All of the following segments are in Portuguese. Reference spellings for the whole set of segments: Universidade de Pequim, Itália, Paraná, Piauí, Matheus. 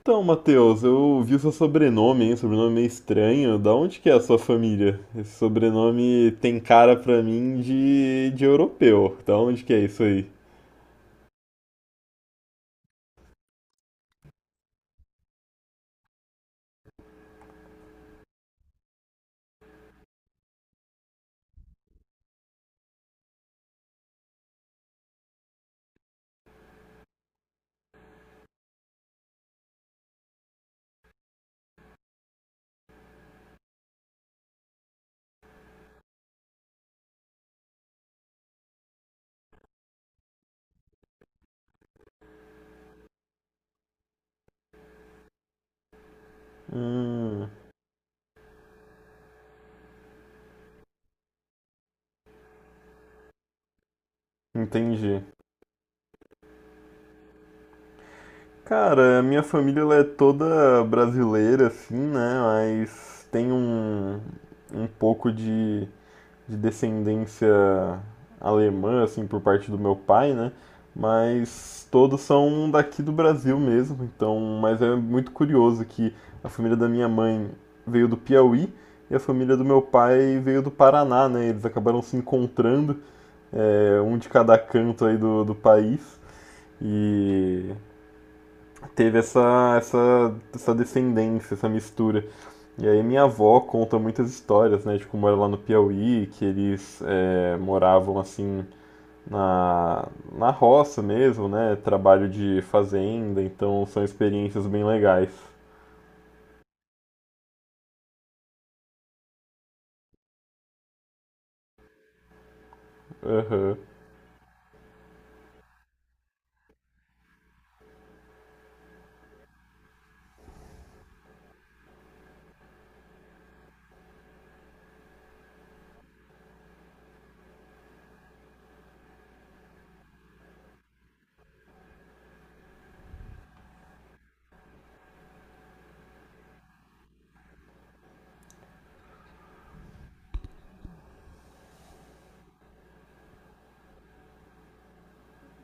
Então, Matheus, eu vi o seu sobrenome, hein? Sobrenome meio estranho. Da onde que é a sua família? Esse sobrenome tem cara pra mim de europeu. Da onde que é isso aí? Hum, entendi. Cara, a minha família ela é toda brasileira, assim, né? Mas tem um pouco de descendência alemã, assim, por parte do meu pai, né? Mas todos são daqui do Brasil mesmo, então, mas é muito curioso que a família da minha mãe veio do Piauí e a família do meu pai veio do Paraná, né? Eles acabaram se encontrando, é, um de cada canto aí do país. E teve essa descendência, essa mistura. E aí minha avó conta muitas histórias, né, de como era lá no Piauí, que eles moravam assim na, na roça mesmo, né, trabalho de fazenda, então são experiências bem legais. Aham.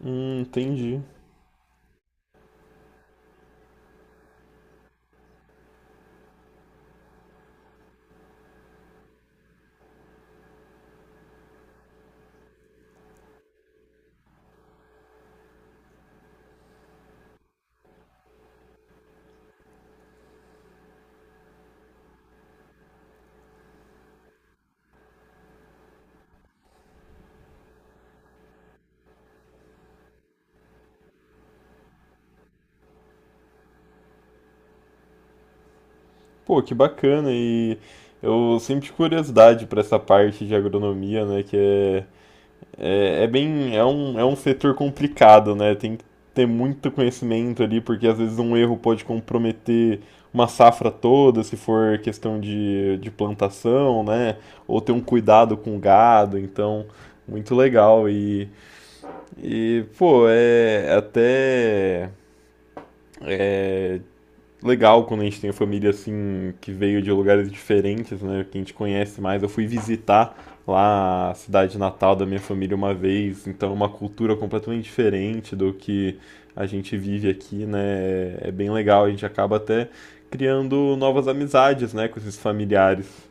Entendi. Pô, que bacana, e eu sempre tive curiosidade pra essa parte de agronomia, né, que é É, é bem, é um setor complicado, né? Tem que ter muito conhecimento ali, porque às vezes um erro pode comprometer uma safra toda, se for questão de plantação, né? Ou ter um cuidado com o gado, então, muito legal. E pô, é até legal quando a gente tem família assim que veio de lugares diferentes, né? Que a gente conhece mais. Eu fui visitar lá a cidade natal da minha família uma vez, então é uma cultura completamente diferente do que a gente vive aqui, né? É bem legal, a gente acaba até criando novas amizades, né, com esses familiares.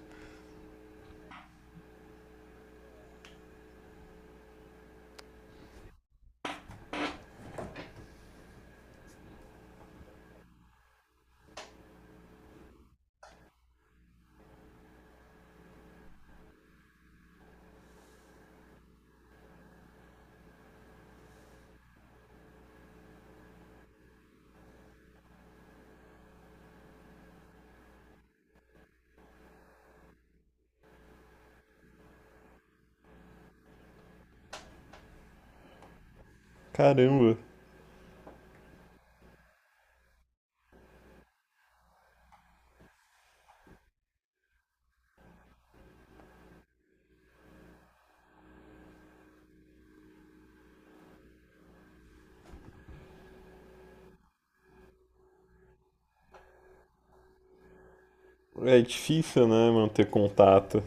Caramba, é difícil, né, manter contato.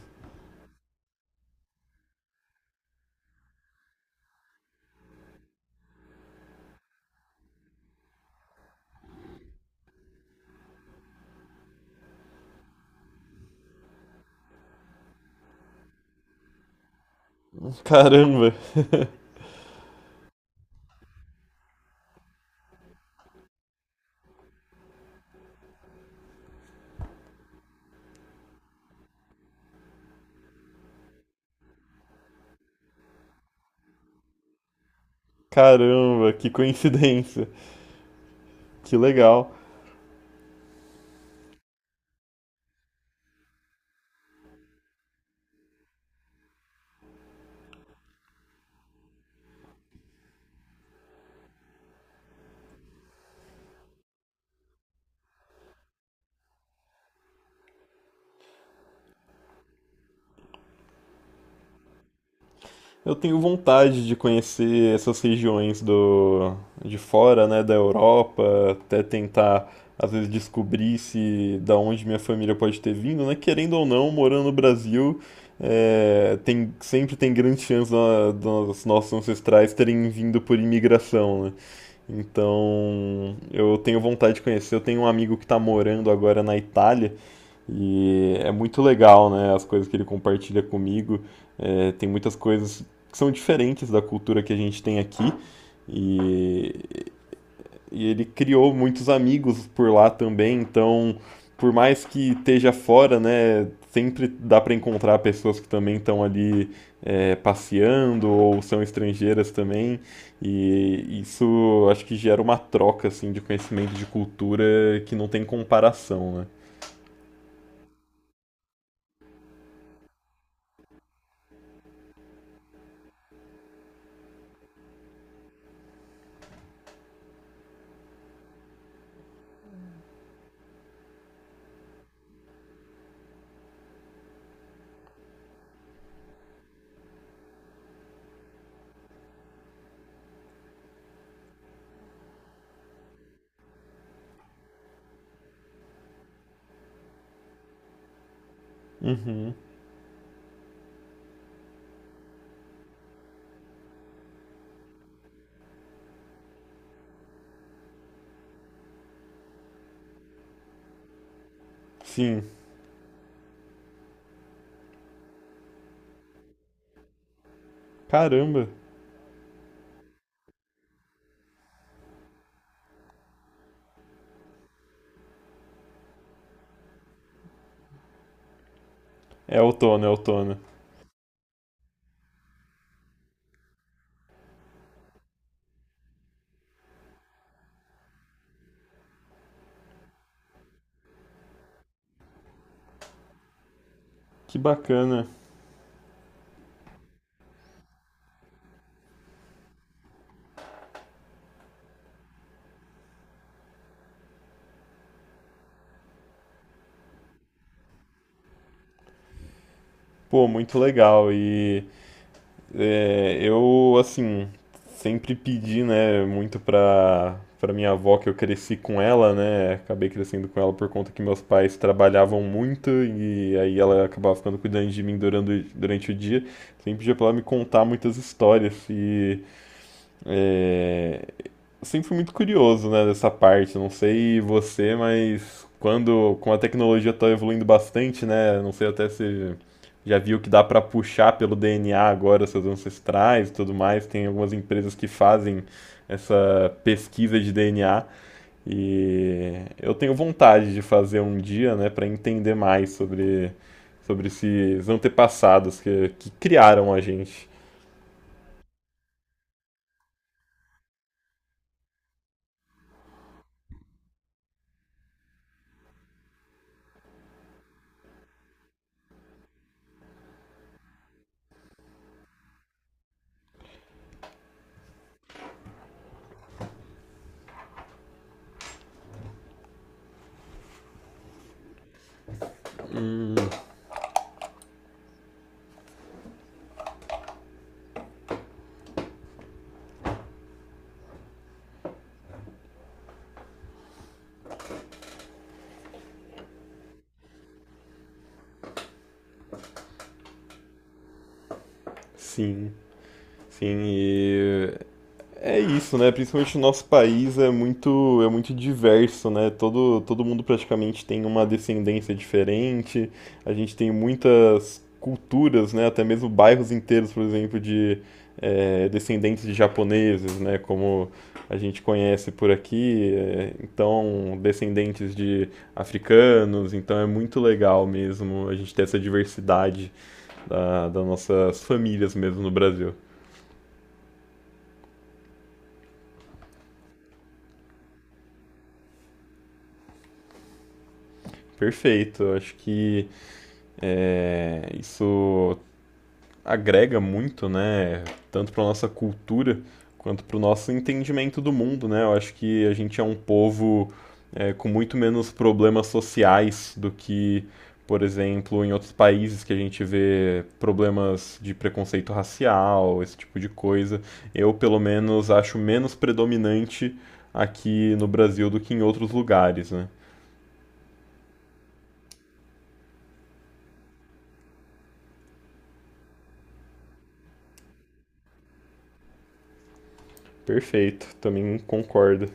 Caramba, caramba, que coincidência. Que legal. Eu tenho vontade de conhecer essas regiões do de fora, né, da Europa, até tentar às vezes descobrir se da onde minha família pode ter vindo, né? Querendo ou não, morando no Brasil, é, tem sempre tem grande chance dos nossos ancestrais terem vindo por imigração, né? Então, eu tenho vontade de conhecer. Eu tenho um amigo que está morando agora na Itália e é muito legal, né? As coisas que ele compartilha comigo. É, tem muitas coisas que são diferentes da cultura que a gente tem aqui. E, e ele criou muitos amigos por lá também. Então, por mais que esteja fora, né? Sempre dá para encontrar pessoas que também estão ali é, passeando ou são estrangeiras também. E isso acho que gera uma troca assim, de conhecimento de cultura que não tem comparação, né? Sim, caramba! É outono, é outono. Que bacana. Pô, muito legal. E é, eu, assim, sempre pedi, né, pra minha avó, que eu cresci com ela, né? Acabei crescendo com ela por conta que meus pais trabalhavam muito e aí ela acabava ficando cuidando de mim durante o dia. Sempre pedia pra ela me contar muitas histórias. E é, eu sempre fui muito curioso, né, dessa parte. Não sei você, mas quando, como a tecnologia está evoluindo bastante, né, não sei até se já viu que dá para puxar pelo DNA agora seus ancestrais e tudo mais. Tem algumas empresas que fazem essa pesquisa de DNA e eu tenho vontade de fazer um dia, né, para entender mais sobre sobre esses antepassados que criaram a gente. Sim, sim, e é isso, né? Principalmente o nosso país é muito diverso, né? Todo mundo praticamente tem uma descendência diferente. A gente tem muitas culturas, né? Até mesmo bairros inteiros, por exemplo, de descendentes de japoneses, né? Como a gente conhece por aqui. Então, descendentes de africanos. Então, é muito legal mesmo a gente ter essa diversidade das nossas famílias mesmo no Brasil. Perfeito. Eu acho que é, isso agrega muito, né? Tanto para nossa cultura quanto para o nosso entendimento do mundo, né? Eu acho que a gente é um povo é, com muito menos problemas sociais do que, por exemplo, em outros países que a gente vê problemas de preconceito racial, esse tipo de coisa. Eu, pelo menos, acho menos predominante aqui no Brasil do que em outros lugares, né? Perfeito, também concordo.